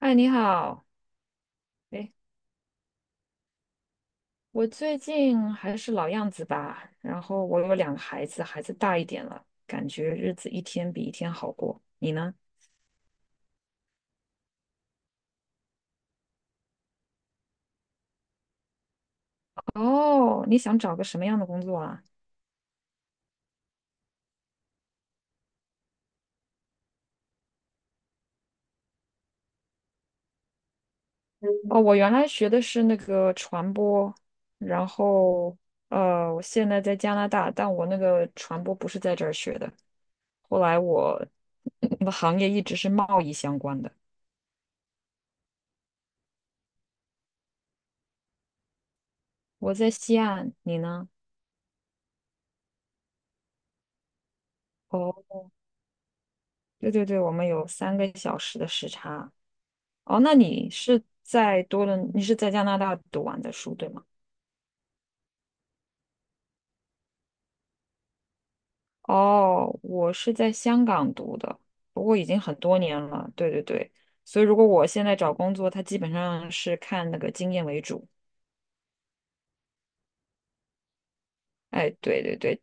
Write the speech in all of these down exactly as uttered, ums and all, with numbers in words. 哎，你好，哎，我最近还是老样子吧。然后我有两个孩子，孩子大一点了，感觉日子一天比一天好过。你呢？哦，你想找个什么样的工作啊？哦，我原来学的是那个传播，然后呃，我现在在加拿大，但我那个传播不是在这儿学的。后来我 我的行业一直是贸易相关的。我在西岸，你呢？哦，对对对，我们有三个小时的时差。哦，那你是在多伦，你是在加拿大读完的书，对吗？哦，我是在香港读的，不过已经很多年了。对对对，所以如果我现在找工作，它基本上是看那个经验为主。哎，对对对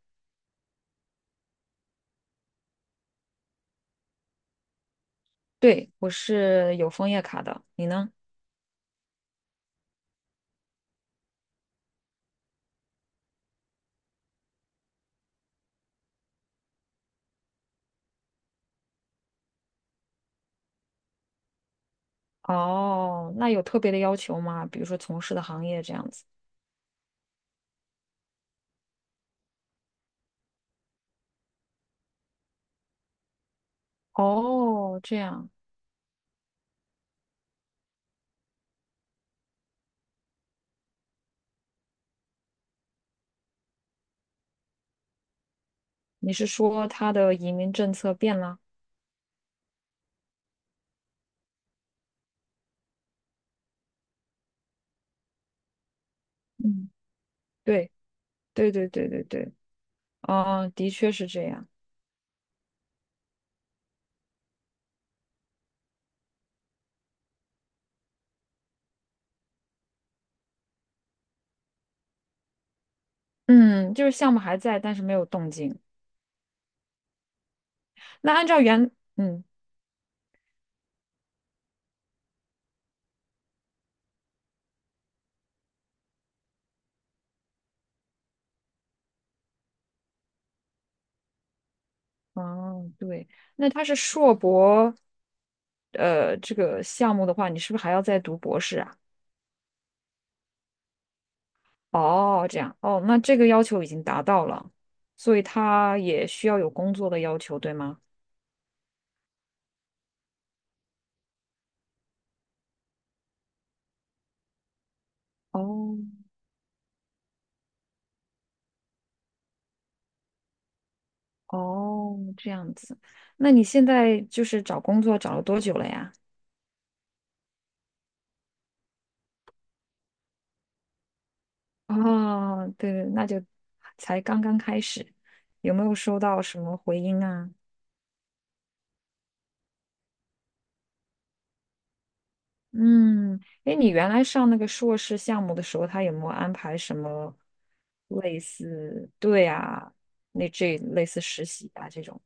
对，我是有枫叶卡的，你呢？哦，那有特别的要求吗？比如说从事的行业这样子？哦，这样，你是说他的移民政策变了？嗯，对对对对对对，哦，的确是这样。嗯，就是项目还在，但是没有动静。那按照原，嗯，哦，对，那他是硕博，呃，这个项目的话，你是不是还要再读博士啊？哦，这样，哦，那这个要求已经达到了，所以他也需要有工作的要求，对吗？哦，哦，这样子。那你现在就是找工作找了多久了呀？哦，对，那就才刚刚开始，有没有收到什么回音啊？嗯，哎，你原来上那个硕士项目的时候，他有没有安排什么类似，对啊，那这类似实习啊这种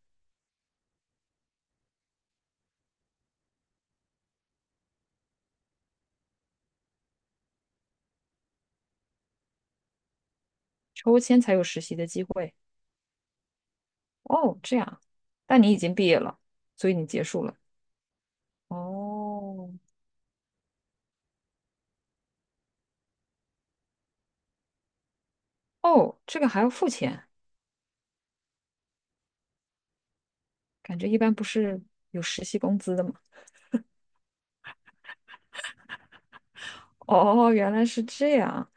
抽签才有实习的机会？哦，这样，但你已经毕业了，所以你结束了。哦，哦，这个还要付钱，感觉一般不是有实习工资的吗？哦，原来是这样。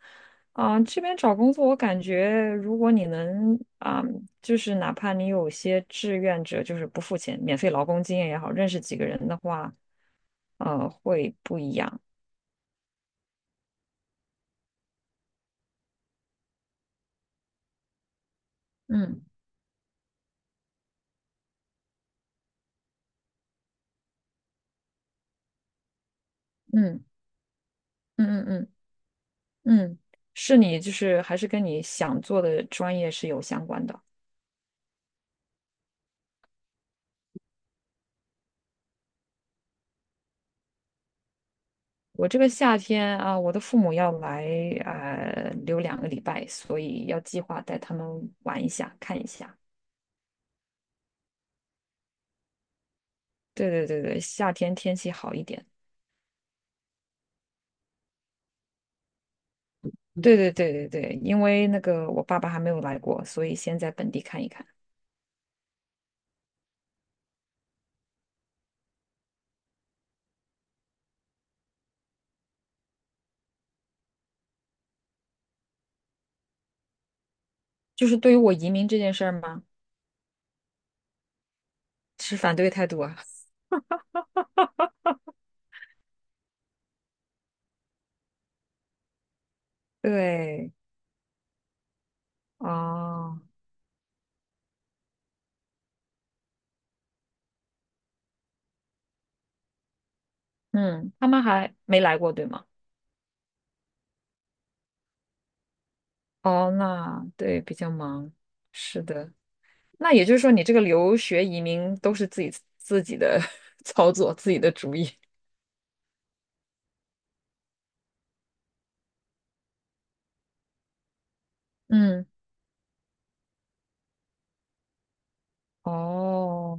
啊，这边找工作，我感觉如果你能啊，就是哪怕你有些志愿者，就是不付钱，免费劳工经验也好，认识几个人的话，呃，会不一样。嗯嗯嗯嗯嗯嗯，是你就是还是跟你想做的专业是有相关的。我这个夏天啊，我的父母要来呃留两个礼拜，所以要计划带他们玩一下，看一下。对对对对，夏天天气好一点。对对对对对，因为那个我爸爸还没有来过，所以先在本地看一看。就是对于我移民这件事儿吗？持反对态度啊。对，哦，嗯，他们还没来过，对吗？哦，那对，比较忙。是的，那也就是说，你这个留学移民都是自己自己的 操作，自己的主意 嗯，哦，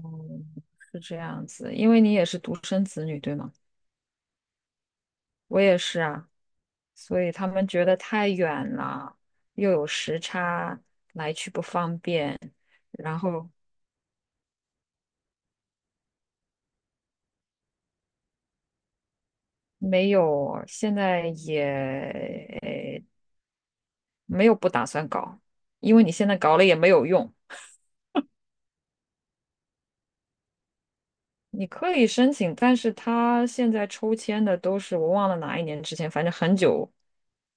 是这样子，因为你也是独生子女，对吗？我也是啊。所以他们觉得太远了，又有时差，来去不方便，然后没有，现在也没有不打算搞，因为你现在搞了也没有用。你可以申请，但是他现在抽签的都是我忘了哪一年之前，反正很久，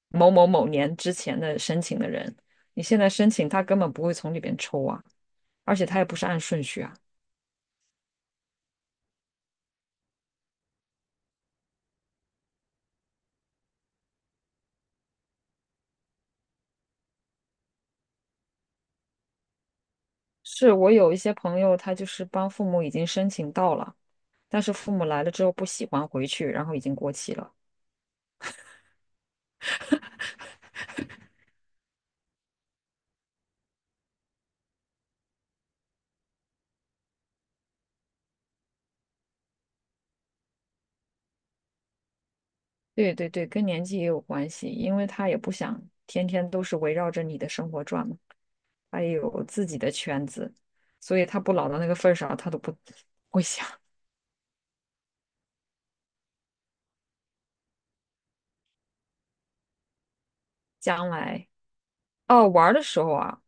某某某年之前的申请的人，你现在申请他根本不会从里边抽啊，而且他也不是按顺序啊。是我有一些朋友，他就是帮父母已经申请到了，但是父母来了之后不喜欢回去，然后已经过期了。对对对，跟年纪也有关系，因为他也不想天天都是围绕着你的生活转嘛，他也有自己的圈子，所以他不老到那个份儿上，他都不会想将来哦玩儿的时候啊，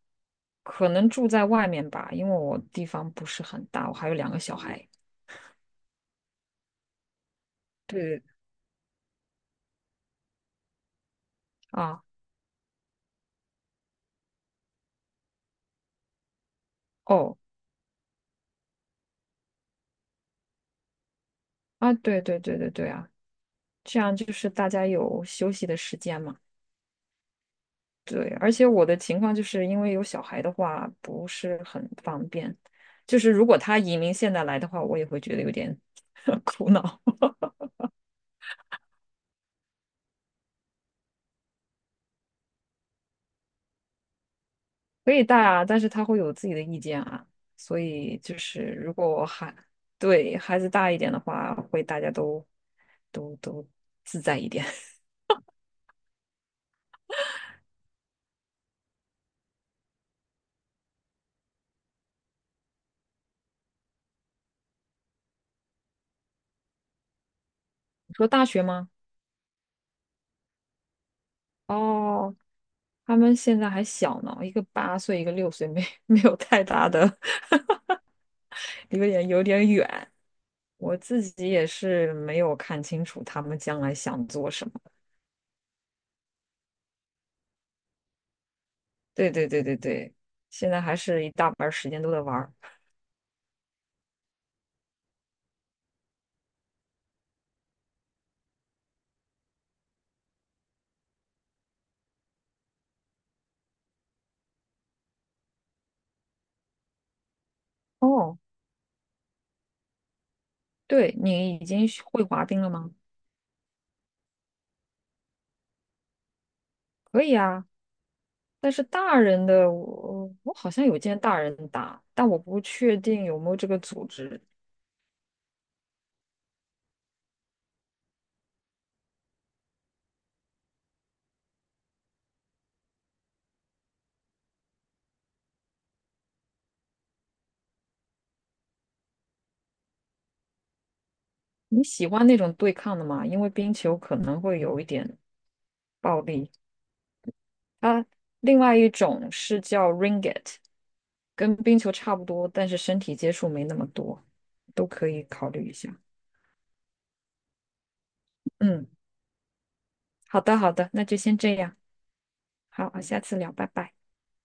可能住在外面吧，因为我地方不是很大，我还有两个小孩。对啊，哦啊，对对对对对啊。这样就是大家有休息的时间嘛。对，而且我的情况就是因为有小孩的话不是很方便，就是如果他移民现在来的话，我也会觉得有点 苦恼。可以带啊，但是他会有自己的意见啊，所以就是如果我孩对孩子大一点的话，会大家都都都自在一点。你说大学吗？哦。他们现在还小呢，一个八岁，一个六岁，没 没有太大的，有点有点远。我自己也是没有看清楚他们将来想做什么。对对对对对，现在还是一大半儿时间都在玩儿。哦，对，你已经学会滑冰了吗？可以啊，但是大人的我我好像有见大人打，但我不确定有没有这个组织。你喜欢那种对抗的吗？因为冰球可能会有一点暴力。啊，另外一种是叫 ringgit，跟冰球差不多，但是身体接触没那么多，都可以考虑一下。嗯，好的好的，那就先这样，好，下次聊，拜拜。